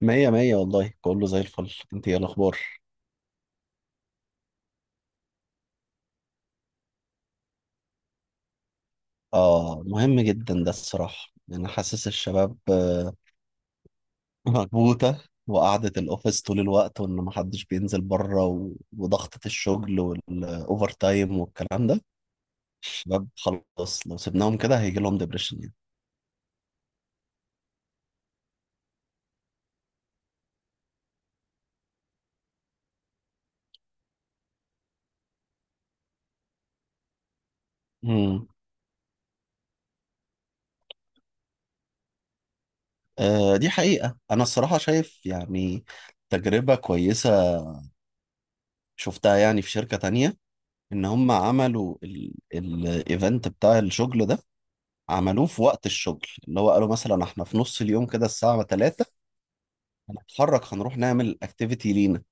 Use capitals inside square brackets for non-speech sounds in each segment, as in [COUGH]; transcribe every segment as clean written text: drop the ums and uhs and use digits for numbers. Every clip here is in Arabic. مية مية والله، كله زي الفل. انت ايه الاخبار؟ اه مهم جدا ده الصراحة، يعني انا حاسس الشباب [LAUGHS] مكبوتة. وقعدة الاوفيس طول الوقت، وان محدش بينزل بره وضغطة الشغل والاوفر تايم والكلام ده. الشباب خلاص لو سيبناهم كده هيجي لهم ديبريشن يعني. مم. آه دي حقيقة. انا الصراحة شايف يعني تجربة كويسة شفتها يعني في شركة تانية، ان هم عملوا الايفنت بتاع الشغل ده، عملوه في وقت الشغل. اللي هو قالوا مثلا احنا في نص اليوم كده الساعة 3 هنتحرك، هنروح نعمل اكتيفيتي لينا.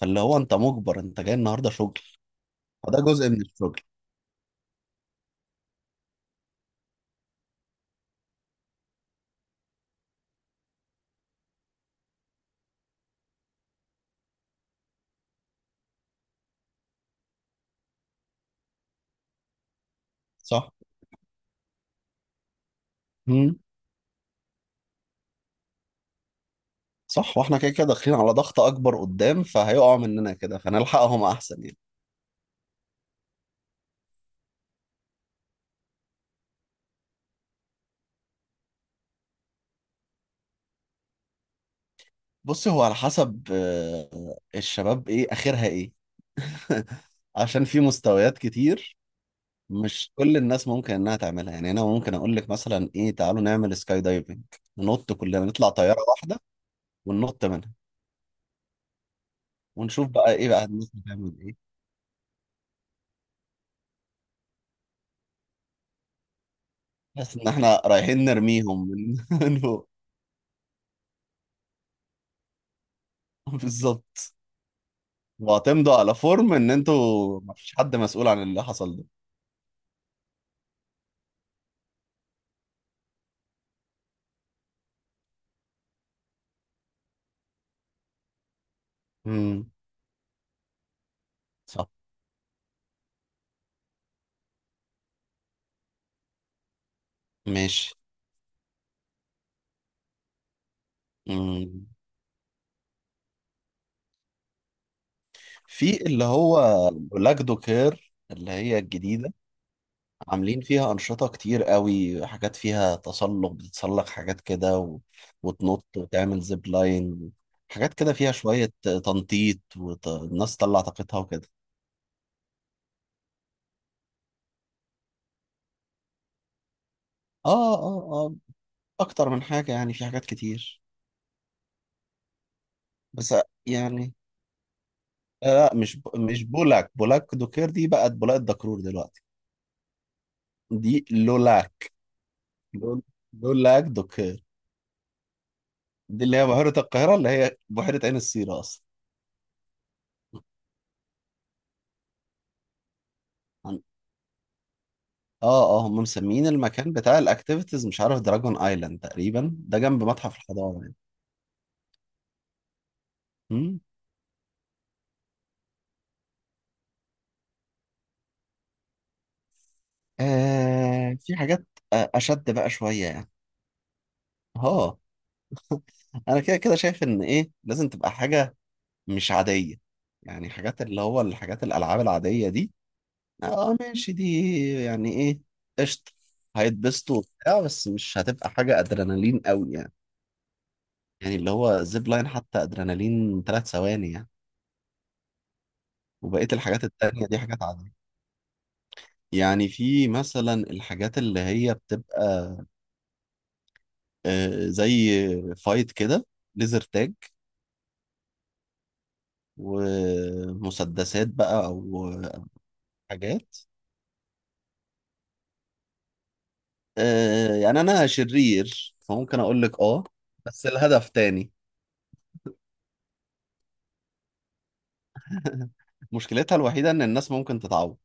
فاللي هو انت مجبر، انت جاي النهارده شغل، فده جزء من الشغل. صح. مم. صح، واحنا كده كده داخلين على ضغط اكبر قدام، فهيقعوا مننا كده فنلحقهم احسن يعني. بص، هو على حسب الشباب ايه اخرها ايه. [LAUGHS] عشان في مستويات كتير. مش كل الناس ممكن انها تعملها. يعني انا ممكن اقول لك مثلا ايه، تعالوا نعمل سكاي دايفنج، ننط كلنا، نطلع طياره واحده وننط منها ونشوف بقى ايه بقى الناس بتعمل ايه. بس ان احنا رايحين نرميهم من [LAUGHS] من فوق. بالظبط. واعتمدوا على فورم ان انتوا ما فيش حد مسؤول عن اللي حصل ده. امم. صح. ماشي. امم. في اللي هو لاجدو كير اللي هي الجديدة، عاملين فيها أنشطة كتير قوي، حاجات فيها تسلق، بتتسلق حاجات كده وتنط وتعمل زيب لاين، حاجات كده فيها شوية تنطيط والناس تطلع طاقتها وكده. اه اه، اكتر من حاجه يعني، في حاجات كتير. بس يعني لا مش مش بولاك. بولاك دوكير دي بقت بولاك دكرور دلوقتي. دي لولاك. لول- لولاك دوكير. دي اللي هي بحيره القاهره، اللي هي بحيره عين السيره اصلا. عن- اه اه، هم مسميين المكان بتاع الاكتيفيتيز، مش عارف، دراجون ايلاند تقريبا. ده جنب متحف الحضاره يعني. مم. آه في حاجات اشد بقى شويه يعني. اه. [LAUGHS] انا كده كده شايف ان ايه، لازم تبقى حاجه مش عادية. يعني حاجات اللي هو الحاجات الألعاب العادية دي، اه ماشي دي، يعني ايه، قشطة، هيتبسطوا وبتاع، بس مش هتبقى حاجة أدرينالين قوي يعني. يعني اللي هو زيب لاين حتى، أدرينالين 3 ثواني يعني. وبقية الحاجات التانية دي حاجات عادية. يعني في مثلا الحاجات اللي هي بتبقى زي فايت كده، ليزر تاج، ومسدسات بقى أو حاجات. آه يعني انا شرير فممكن اقول لك اه. بس الهدف تاني. [LAUGHS] مشكلتها الوحيده ان الناس ممكن تتعور.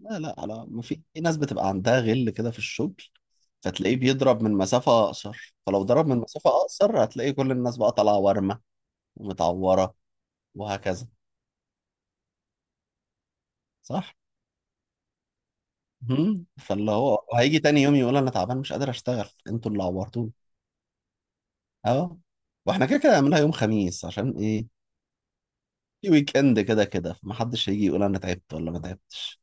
لا لا لا، ما في ناس بتبقى عندها غل كده في الشغل، فتلاقيه بيضرب من مسافه اقصر، فلو ضرب من مسافه اقصر هتلاقي كل الناس بقى طالعه ورمه ومتعوره وهكذا. صح. مم. فاللي هو هيجي تاني يوم يقول انا تعبان مش قادر اشتغل، انتوا اللي عورتوني. اه. واحنا كده كده هنعملها يوم خميس، عشان ايه، في ويك اند كده كده فمحدش هيجي يقول انا تعبت ولا ما تعبتش.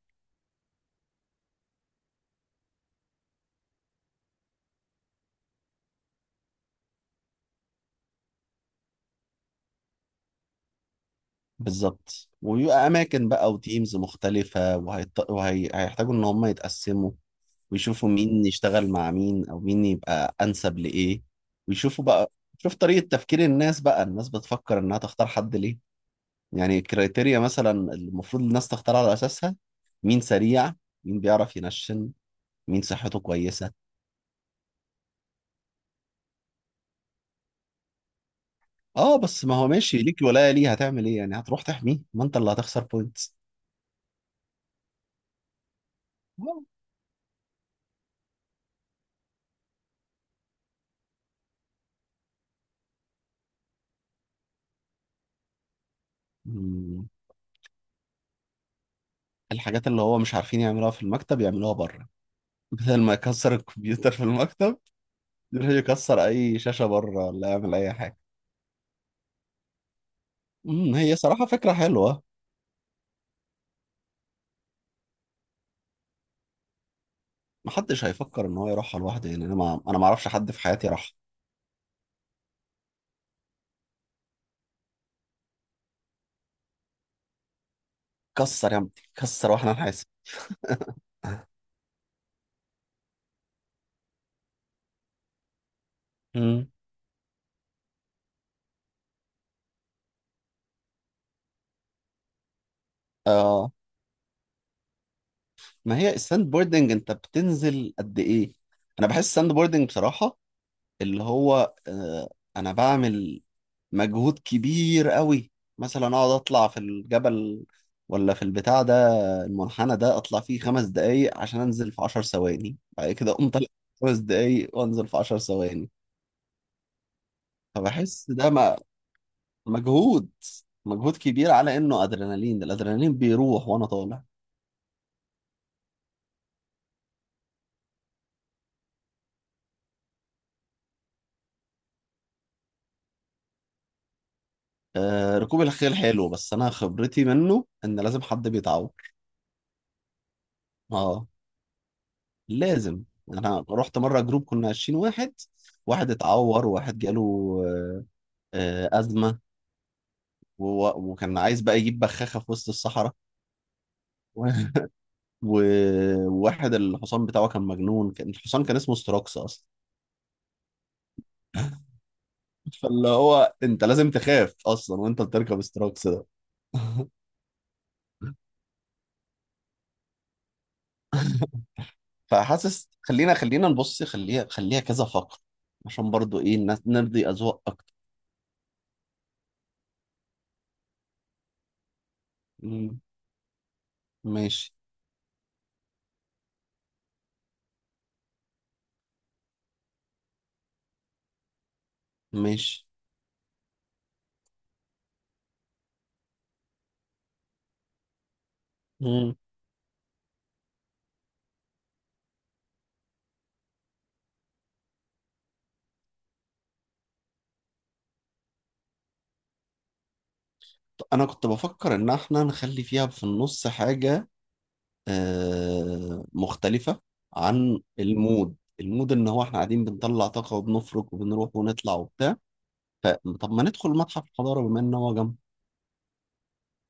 بالظبط. وبيبقى اماكن بقى وتيمز مختلفه، وهيحتاجوا ان هم يتقسموا ويشوفوا مين يشتغل مع مين، او مين يبقى انسب لايه. ويشوفوا بقى، شوف طريقه تفكير الناس بقى، الناس بتفكر انها تختار حد ليه. يعني الكريتيريا مثلا المفروض الناس تختار على اساسها، مين سريع، مين بيعرف ينشن، مين صحته كويسه. اه بس ما هو ماشي ليك ولايه ليه، هتعمل ايه يعني، هتروح تحميه ما انت اللي هتخسر بوينتس. مم. الحاجات اللي هو مش عارفين يعملوها في المكتب يعملوها بره، بدل ما يكسر الكمبيوتر في المكتب يروح يكسر اي شاشة بره، ولا يعمل اي حاجة. امم، هي صراحة فكرة حلوه. محدش هيفكر ان هو يروحها لوحده يعني، انا، ما انا ما اعرفش حد في حياتي راح. كسر يا عم كسر واحنا نحاسب. امم. اه، ما هي الساند بوردنج انت بتنزل قد ايه؟ انا بحس الساند بوردنج بصراحة اللي هو آه، انا بعمل مجهود كبير قوي، مثلا اقعد اطلع في الجبل ولا في البتاع ده، المنحنى ده اطلع فيه 5 دقايق عشان انزل في 10 ثواني، بعد كده اقوم طالع 5 دقايق وانزل في 10 ثواني. فبحس ده مجهود، مجهود كبير على انه ادرينالين. الادرينالين بيروح وانا طالع. آه ركوب الخيل حلو بس انا خبرتي منه ان لازم حد بيتعور. اه لازم. انا رحت مره جروب كنا 20 واحد، واحد اتعور، واحد جاله آه، أزمة، وكان عايز بقى يجيب بخاخة في وسط الصحراء. [LAUGHS] و- وواحد الحصان بتاعه كان مجنون، كان الحصان كان اسمه ستروكس أصلا. [LAUGHS] فاللي هو أنت لازم تخاف أصلا وأنت بتركب ستروكس ده. [LAUGHS] فحاسس، خلينا خلينا نبص، خليها خليها كذا فقرة، عشان برضو إيه الناس، نرضي أذواق أكتر. مم. ماشي. ماشي. مم. انا كنت بفكر ان احنا نخلي فيها في النص حاجة مختلفة عن المود. ان هو احنا قاعدين بنطلع طاقة وبنفرك وبنروح ونطلع وبتاع، فطب ما ندخل متحف الحضارة بما ان هو جنب.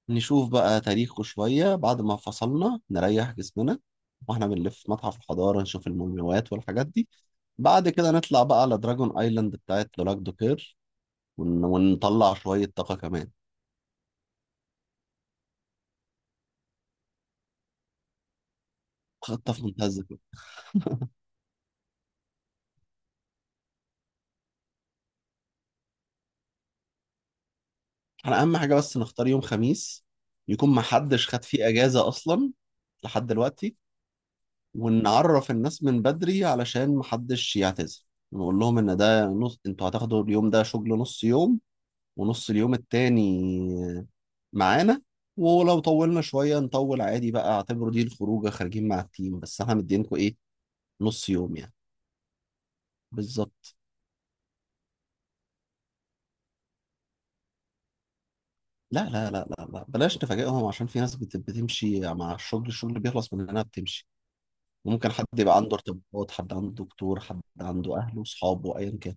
نشوف بقى تاريخه شوية بعد ما فصلنا، نريح جسمنا، واحنا بنلف متحف الحضارة نشوف المومياوات والحاجات دي. بعد كده نطلع بقى على دراجون ايلاند بتاعت لولاك دوكير ونطلع شوية طاقة كمان. خطة في منتهى الذكاء. احنا اهم حاجة بس نختار يوم خميس يكون محدش خد فيه اجازة اصلا لحد دلوقتي، ونعرف الناس من بدري علشان محدش يعتذر. نقول لهم ان ده نص، انتوا هتاخدوا اليوم ده شغل نص يوم، ونص اليوم التاني معانا، ولو طولنا شوية نطول عادي بقى، اعتبروا دي الخروجة خارجين مع التيم، بس احنا مدينكم ايه، نص يوم يعني. بالظبط. لا لا لا لا لا، بلاش نفاجئهم عشان في ناس بتمشي مع الشغل، الشغل بيخلص مننا بتمشي، وممكن حد يبقى عنده ارتباطات، حد عنده دكتور، حد عنده اهله وصحابه ايا كان.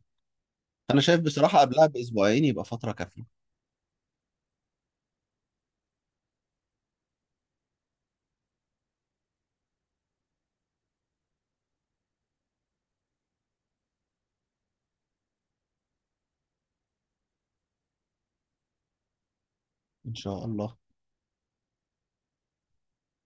انا شايف بصراحة قبلها باسبوعين يبقى فترة كافية. ان شاء الله.